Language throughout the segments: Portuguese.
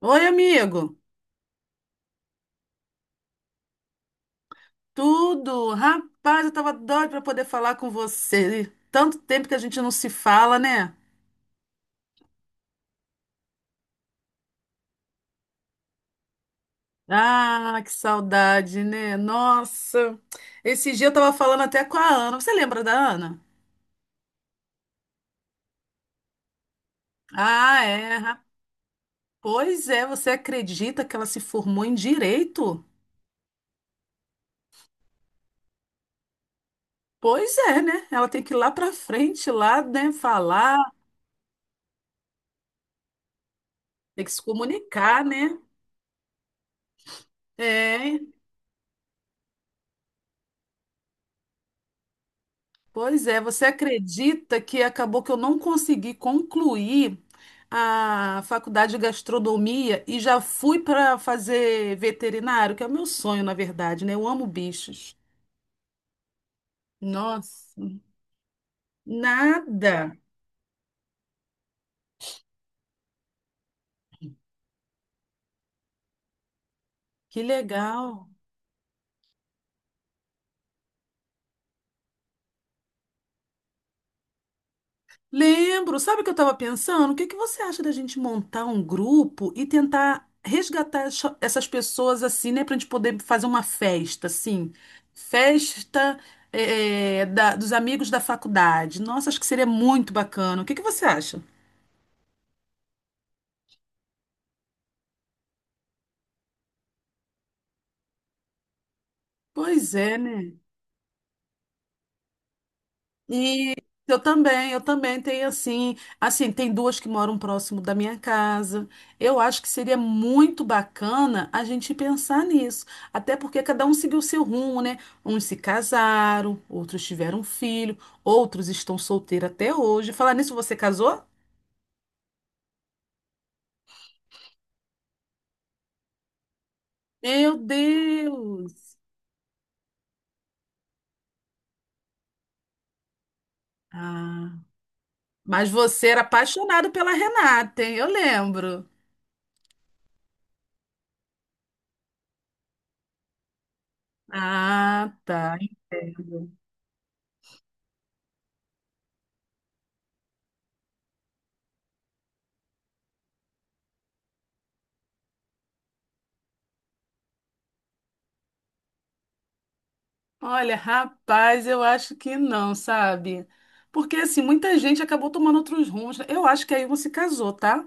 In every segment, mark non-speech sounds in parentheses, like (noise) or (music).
Oi, amigo. Tudo? Rapaz, eu tava doida para poder falar com você. Tanto tempo que a gente não se fala, né? Ah, que saudade, né? Nossa. Esse dia eu tava falando até com a Ana. Você lembra da Ana? Ah, é. Pois é, você acredita que ela se formou em direito? Pois é, né? Ela tem que ir lá pra frente, lá, né, falar, tem que se comunicar, né? É. Pois é, você acredita que acabou que eu não consegui concluir a faculdade de gastronomia e já fui para fazer veterinário, que é o meu sonho, na verdade, né? Eu amo bichos. Nossa, nada. Que legal. Lembro, sabe o que eu estava pensando? O que que você acha da gente montar um grupo e tentar resgatar essas pessoas assim, né, para a gente poder fazer uma festa, assim, festa dos amigos da faculdade. Nossa, acho que seria muito bacana. O que que você acha? Pois é, né? E eu também tenho assim, assim, tem duas que moram próximo da minha casa. Eu acho que seria muito bacana a gente pensar nisso, até porque cada um seguiu seu rumo, né? Uns se casaram, outros tiveram filho, outros estão solteiros até hoje. Falar nisso, você casou? Meu Deus! Ah, mas você era apaixonado pela Renata, hein? Eu lembro. Ah, tá. Olha, rapaz, eu acho que não, sabe? Porque assim, muita gente acabou tomando outros rumos, né? Eu acho que a Ilma se casou, tá?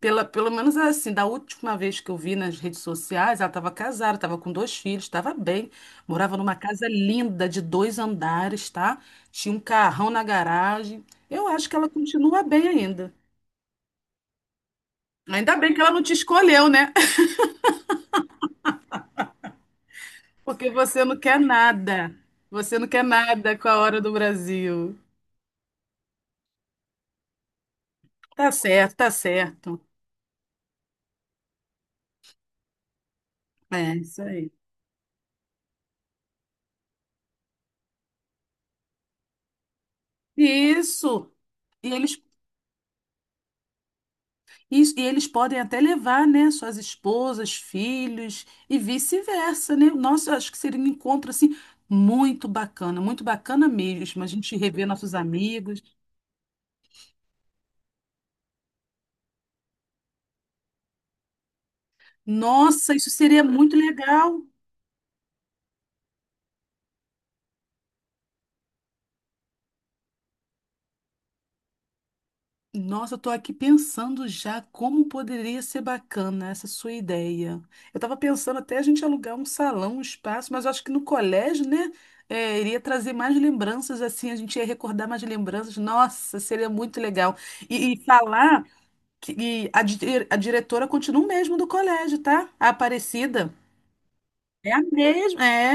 Pelo menos assim, da última vez que eu vi nas redes sociais, ela estava casada, estava com dois filhos, estava bem. Morava numa casa linda de dois andares, tá? Tinha um carrão na garagem. Eu acho que ela continua bem ainda. Ainda bem que ela não te escolheu, né? (laughs) Porque você não quer nada. Você não quer nada com a hora do Brasil. Tá certo, tá certo. É, isso aí. Isso. E eles, e eles podem até levar, né, suas esposas, filhos e vice-versa, né? Nossa, eu acho que seria um encontro assim muito bacana mesmo. A gente rever nossos amigos. Nossa, isso seria muito legal. Nossa, eu tô aqui pensando já como poderia ser bacana essa sua ideia. Eu tava pensando até a gente alugar um salão, um espaço, mas eu acho que no colégio, né, é, iria trazer mais lembranças, assim, a gente ia recordar mais lembranças. Nossa, seria muito legal. E falar que e a diretora continua o mesmo do colégio, tá? A Aparecida. É a mesma, é.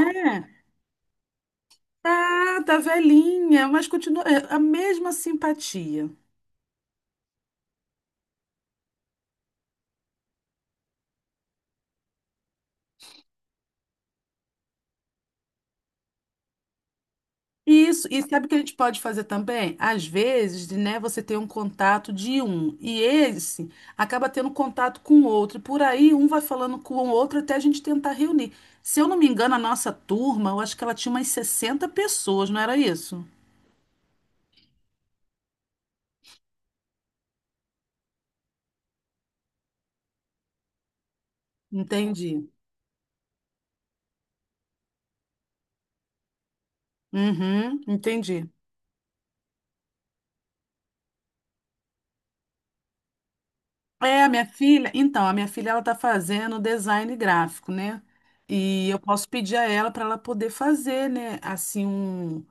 Tá, tá velhinha, mas continua é, a mesma simpatia. Isso, e sabe o que a gente pode fazer também? Às vezes, né, você tem um contato de um e esse acaba tendo contato com o outro, e por aí um vai falando com o outro até a gente tentar reunir. Se eu não me engano, a nossa turma, eu acho que ela tinha umas 60 pessoas, não era isso? Entendi. Uhum, entendi. É, a minha filha, então, a minha filha ela tá fazendo design gráfico, né? E eu posso pedir a ela para ela poder fazer, né, assim um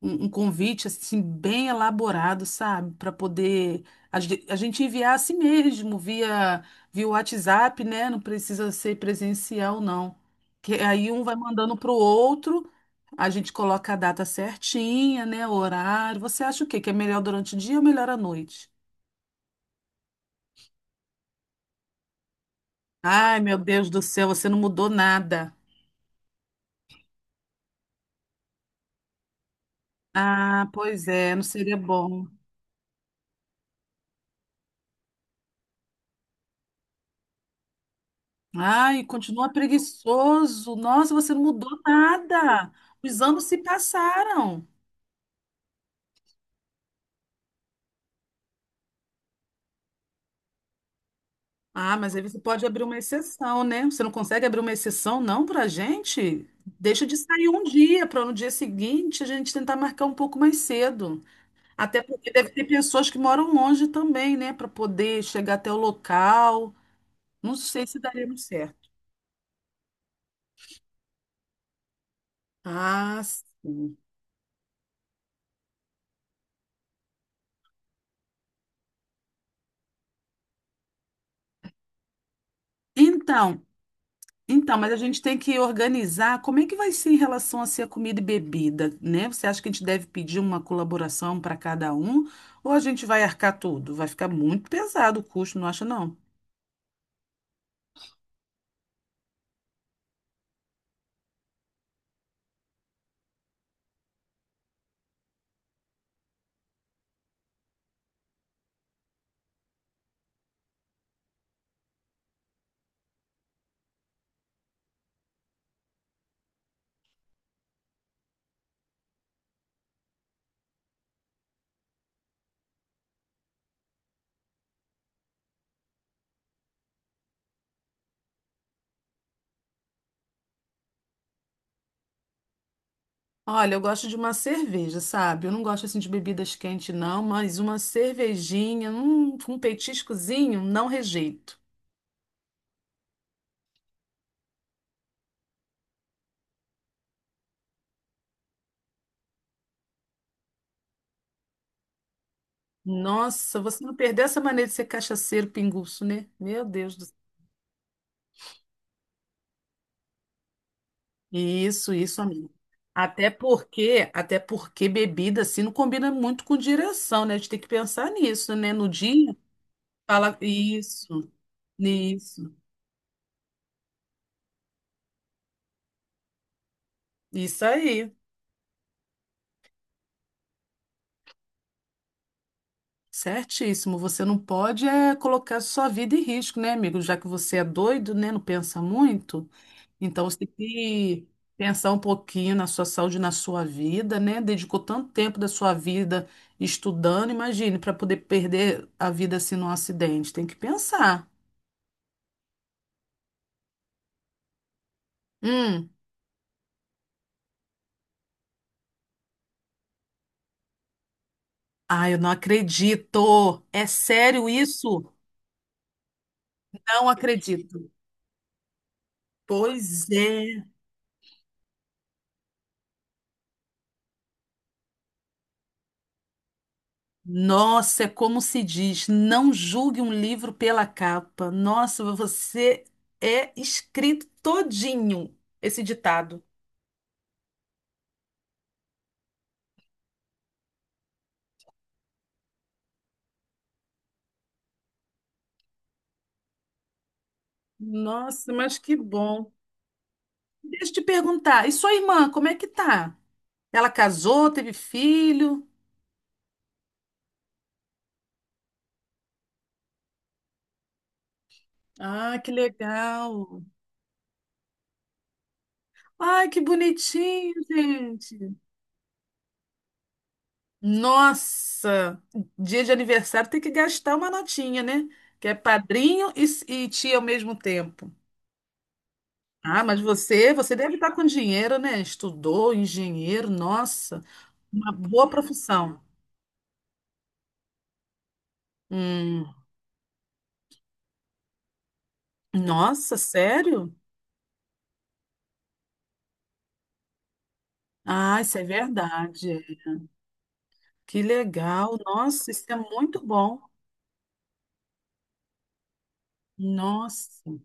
um, um convite assim bem elaborado, sabe, para poder a gente enviar a si mesmo via via WhatsApp, né? Não precisa ser presencial, não. Que aí um vai mandando pro outro, a gente coloca a data certinha, né? O horário. Você acha o quê? Que é melhor durante o dia ou melhor à noite? Ai, meu Deus do céu, você não mudou nada. Ah, pois é, não seria bom. Ai, continua preguiçoso. Nossa, você não mudou nada. Os anos se passaram. Ah, mas aí você pode abrir uma exceção, né? Você não consegue abrir uma exceção, não, pra gente? Deixa de sair um dia, para no dia seguinte a gente tentar marcar um pouco mais cedo. Até porque deve ter pessoas que moram longe também, né? Para poder chegar até o local. Não sei se daria muito certo. Ah, sim. Então, Então, mas a gente tem que organizar como é que vai ser em relação a ser a comida e bebida, né? Você acha que a gente deve pedir uma colaboração para cada um ou a gente vai arcar tudo? Vai ficar muito pesado o custo, não acha não? Olha, eu gosto de uma cerveja, sabe? Eu não gosto assim de bebidas quentes não, mas uma cervejinha, com um petiscozinho, não rejeito. Nossa, você não perdeu essa maneira de ser cachaceiro pinguço, né? Meu Deus do Isso, isso, amigo. Até porque bebida assim não combina muito com direção, né? A gente tem que pensar nisso, né? No dia, fala isso, isso, isso aí. Certíssimo. Você não pode é, colocar sua vida em risco, né, amigo? Já que você é doido, né? Não pensa muito. Então você tem que pensar um pouquinho na sua saúde, na sua vida, né? Dedicou tanto tempo da sua vida estudando, imagine, para poder perder a vida assim num acidente. Tem que pensar. Hum. Ai, eu não acredito. É sério isso? Não acredito. Pois é. Nossa, é como se diz, não julgue um livro pela capa. Nossa, você é escrito todinho esse ditado. Nossa, mas que bom. Deixa eu te perguntar, e sua irmã, como é que tá? Ela casou, teve filho? Ah, que legal. Ai, que bonitinho, gente. Nossa, dia de aniversário tem que gastar uma notinha, né? Que é padrinho e tia ao mesmo tempo. Ah, mas você deve estar com dinheiro, né? Estudou, engenheiro, nossa, uma boa profissão. Hum, nossa, sério? Ah, isso é verdade. Que legal, nossa, isso é muito bom. Nossa.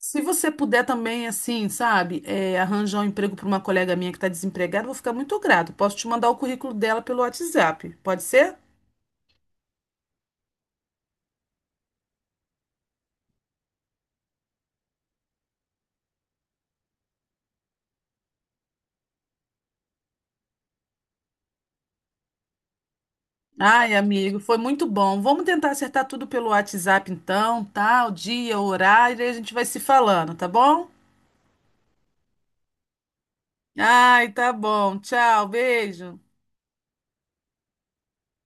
Se você puder também, assim, sabe, é, arranjar um emprego para uma colega minha que está desempregada, eu vou ficar muito grato. Posso te mandar o currículo dela pelo WhatsApp, pode ser? Ai, amigo, foi muito bom. Vamos tentar acertar tudo pelo WhatsApp, então, tá? O dia, o horário, e a gente vai se falando, tá bom? Ai, tá bom. Tchau, beijo.